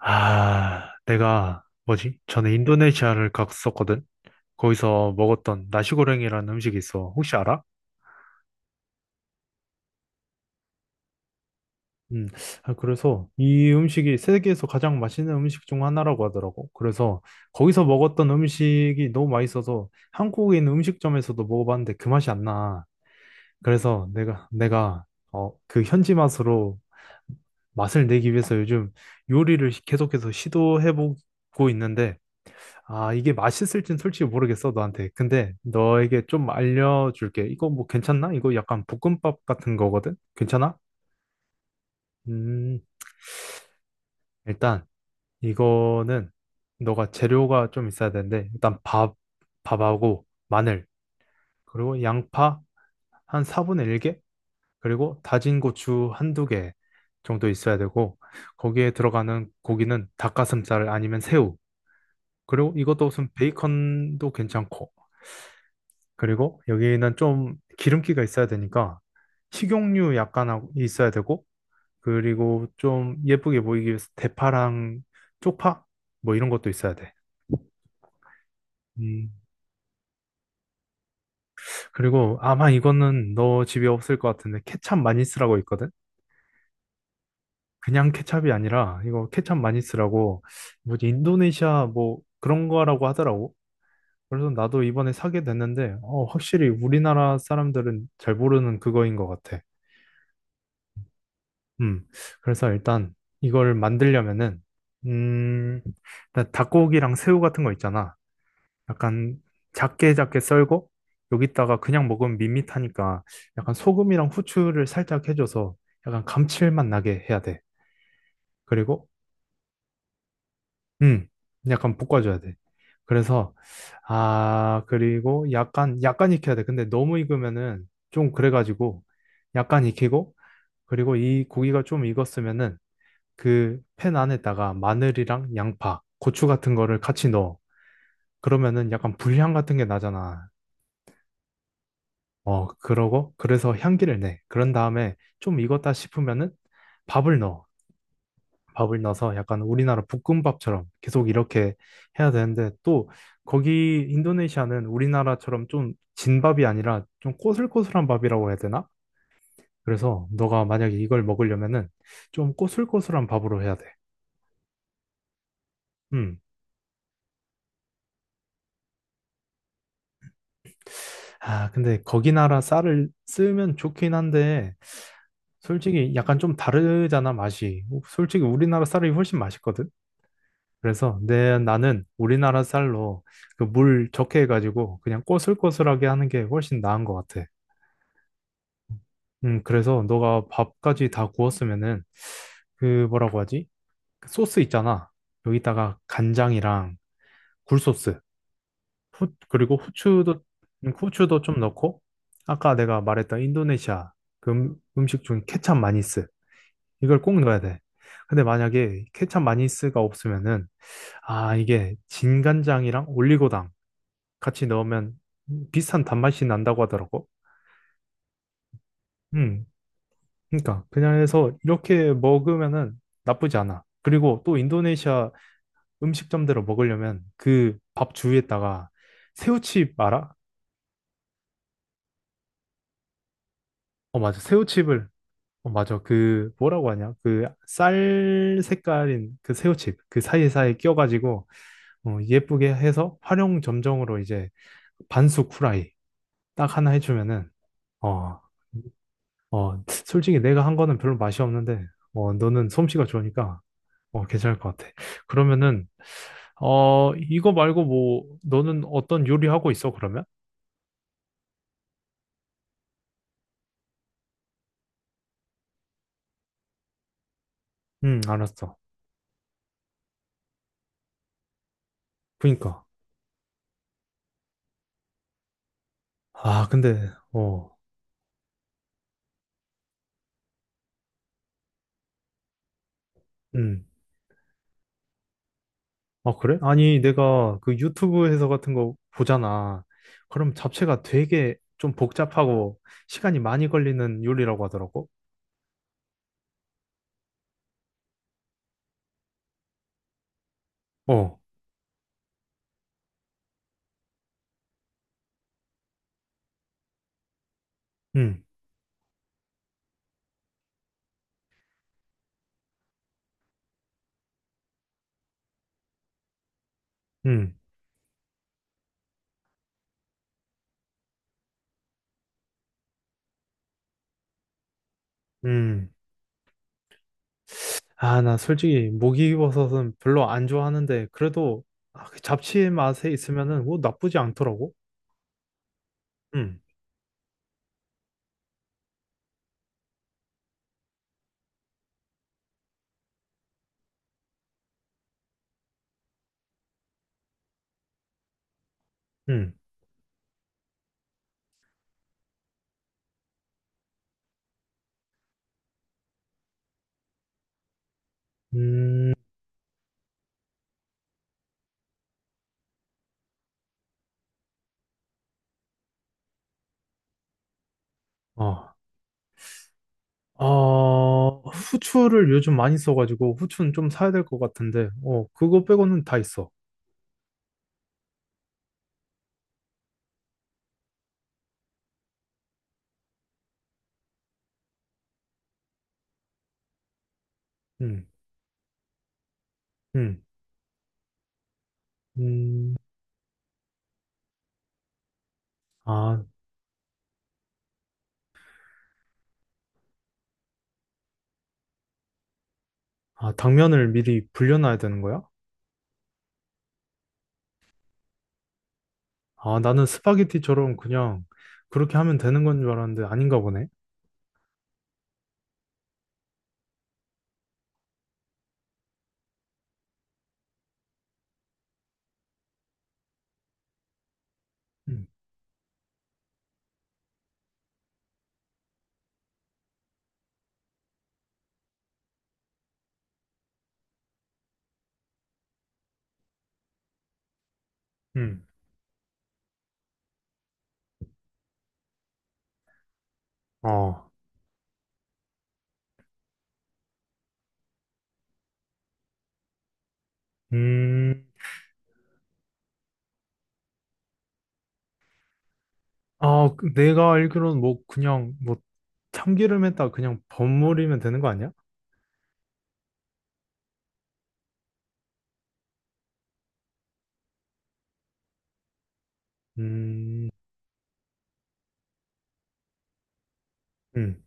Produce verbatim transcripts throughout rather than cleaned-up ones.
아, 내가 뭐지? 전에 인도네시아를 갔었거든. 거기서 먹었던 나시고랭이라는 음식이 있어. 혹시 알아? 음, 아, 그래서 이 음식이 세계에서 가장 맛있는 음식 중 하나라고 하더라고. 그래서 거기서 먹었던 음식이 너무 맛있어서 한국인 음식점에서도 먹어봤는데 그 맛이 안 나. 그래서 내가 내가 어, 그 현지 맛으로 맛을 내기 위해서 요즘 요리를 계속해서 시도해보고 있는데 아, 이게 맛있을진 솔직히 모르겠어, 너한테. 근데 너에게 좀 알려줄게. 이거 뭐 괜찮나? 이거 약간 볶음밥 같은 거거든? 괜찮아? 음, 일단 이거는 너가 재료가 좀 있어야 되는데, 일단 밥, 밥하고 마늘, 그리고 양파 한 사분의 한 개, 그리고 다진 고추 한두 개 정도 있어야 되고, 거기에 들어가는 고기는 닭가슴살 아니면 새우, 그리고 이것도 무슨 베이컨도 괜찮고, 그리고 여기는 좀 기름기가 있어야 되니까 식용유 약간 하고- 있어야 되고 그리고 좀 예쁘게 보이기 위해서 대파랑 쪽파 뭐 이런 것도 있어야 돼. 음, 그리고 아마 이거는 너 집에 없을 것 같은데 케찹 많이 쓰라고 있거든? 그냥 케찹이 아니라 이거 케찹 많이 쓰라고 뭐지 인도네시아 뭐 그런 거라고 하더라고. 그래서 나도 이번에 사게 됐는데 어, 확실히 우리나라 사람들은 잘 모르는 그거인 것 같아. 음, 그래서 일단 이걸 만들려면은, 음, 일단 닭고기랑 새우 같은 거 있잖아. 약간 작게 작게 썰고, 여기다가 그냥 먹으면 밋밋하니까 약간 소금이랑 후추를 살짝 해줘서 약간 감칠맛 나게 해야 돼. 그리고, 음, 약간 볶아줘야 돼. 그래서, 아, 그리고 약간, 약간 익혀야 돼. 근데 너무 익으면은 좀 그래가지고, 약간 익히고, 그리고 이 고기가 좀 익었으면은 그 팬 안에다가 마늘이랑 양파, 고추 같은 거를 같이 넣어. 그러면은 약간 불향 같은 게 나잖아. 어, 그러고 그래서 향기를 내. 그런 다음에 좀 익었다 싶으면은 밥을 넣어. 밥을 넣어서 약간 우리나라 볶음밥처럼 계속 이렇게 해야 되는데 또 거기 인도네시아는 우리나라처럼 좀 진밥이 아니라 좀 꼬슬꼬슬한 밥이라고 해야 되나? 그래서 너가 만약에 이걸 먹으려면은 좀 꼬슬꼬슬한 밥으로 해야 돼. 음. 아, 근데 거기 나라 쌀을 쓰면 좋긴 한데, 솔직히 약간 좀 다르잖아, 맛이. 솔직히 우리나라 쌀이 훨씬 맛있거든? 그래서 내, 나는 우리나라 쌀로 그 물 적게 해가지고 그냥 꼬슬꼬슬하게 하는 게 훨씬 나은 것 같아. 음, 그래서 너가 밥까지 다 구웠으면은, 그 뭐라고 하지? 그 소스 있잖아. 여기다가 간장이랑 굴소스. 후, 그리고 후추도, 음, 후추도 좀 넣고, 아까 내가 말했던 인도네시아 그 음, 음식 중 케찹 마니스, 이걸 꼭 넣어야 돼. 근데 만약에 케찹 마니스가 없으면은, 아, 이게 진간장이랑 올리고당 같이 넣으면 비슷한 단맛이 난다고 하더라고. 음, 그러니까 그냥 해서 이렇게 먹으면은 나쁘지 않아. 그리고 또 인도네시아 음식점대로 먹으려면 그 밥 주위에다가 새우칩 알아? 어, 맞아. 새우칩을 어, 맞아. 그, 뭐라고 하냐. 그, 쌀 색깔인 그 새우칩, 그 사이사이 끼가지고 어, 예쁘게 해서 활용 점정으로 이제 반숙 후라이 딱 하나 해주면은, 어, 어, 솔직히 내가 한 거는 별로 맛이 없는데, 어, 너는 솜씨가 좋으니까, 어, 괜찮을 것 같아. 그러면은, 어, 이거 말고 뭐, 너는 어떤 요리 하고 있어, 그러면? 응, 알았어. 그니까. 아, 근데, 어, 음 아, 그래? 아니, 내가 그 유튜브 해설 같은 거 보잖아. 그럼 잡채가 되게 좀 복잡하고 시간이 많이 걸리는 요리라고 하더라고. 어, 응, 응, 응 아, 나 솔직히 목이버섯은 별로 안 좋아하는데, 그래도 아, 그 잡채 맛에 있으면은 뭐 나쁘지 않더라고. 응, 응, 음, 어. 어, 후추를 요즘 많이 써가지고 후추는 좀 사야 될 것 같은데, 어, 그거 빼고는 다 있어. 응, 응, 음. 아, 아, 당면을 미리 불려놔야 되는 거야? 아, 나는 스파게티처럼 그냥 그렇게 하면 되는 건 줄 알았는데 아닌가 보네. 음, 음, 어, 음, 아, 그 내가 알기로는 뭐 그냥 뭐 참기름에다 그냥 버무리면 되는 거 아니야? 음, 음,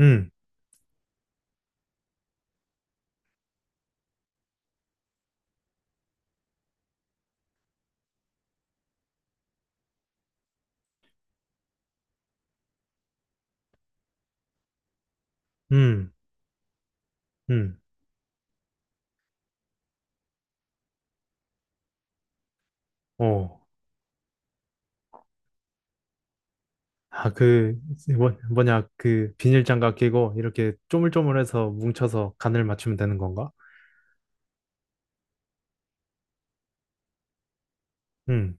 음, 음, 음, 어. 아, 그, 뭐, 뭐냐, 그 비닐장갑 끼고 이렇게 쪼물쪼물해서 뭉쳐서 간을 맞추면 되는 건가? 음.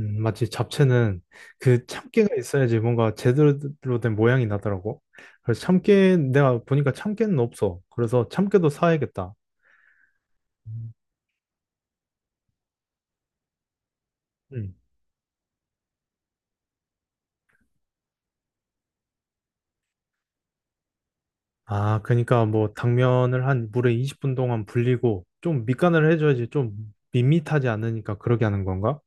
음, 마치 잡채는 그 참깨가 있어야지 뭔가 제대로 된 모양이 나더라고. 그래서 참깨, 내가 보니까 참깨는 없어. 그래서 참깨도 사야겠다. 음. 음. 아, 그러니까 뭐 당면을 한 물에 이십 분 동안 불리고 좀 밑간을 해줘야지 좀 밋밋하지 않으니까 그러게 하는 건가?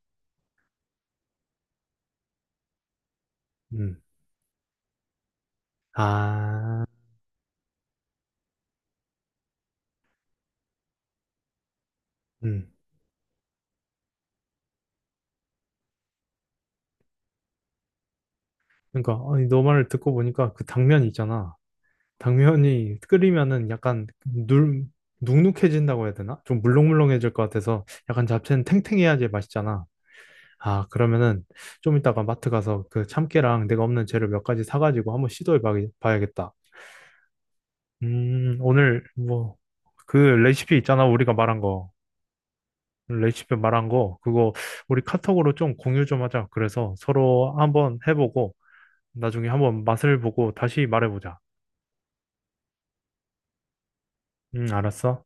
음. 아, 음. 그러니까 아니, 너 말을 듣고 보니까 그 당면 있잖아. 당면이 끓이면은 약간 눌, 눅눅해진다고 해야 되나? 좀 물렁물렁해질 것 같아서 약간 잡채는 탱탱해야지 맛있잖아. 아, 그러면은 좀 이따가 마트 가서 그 참깨랑 내가 없는 재료 몇 가지 사가지고 한번 시도해 봐- 봐야겠다. 음, 오늘 뭐 그 레시피 있잖아. 우리가 말한 거. 레시피 말한 거 그거 우리 카톡으로 좀 공유 좀 하자. 그래서 서로 한번 해보고 나중에 한번 맛을 보고 다시 말해보자. 음, 알았어.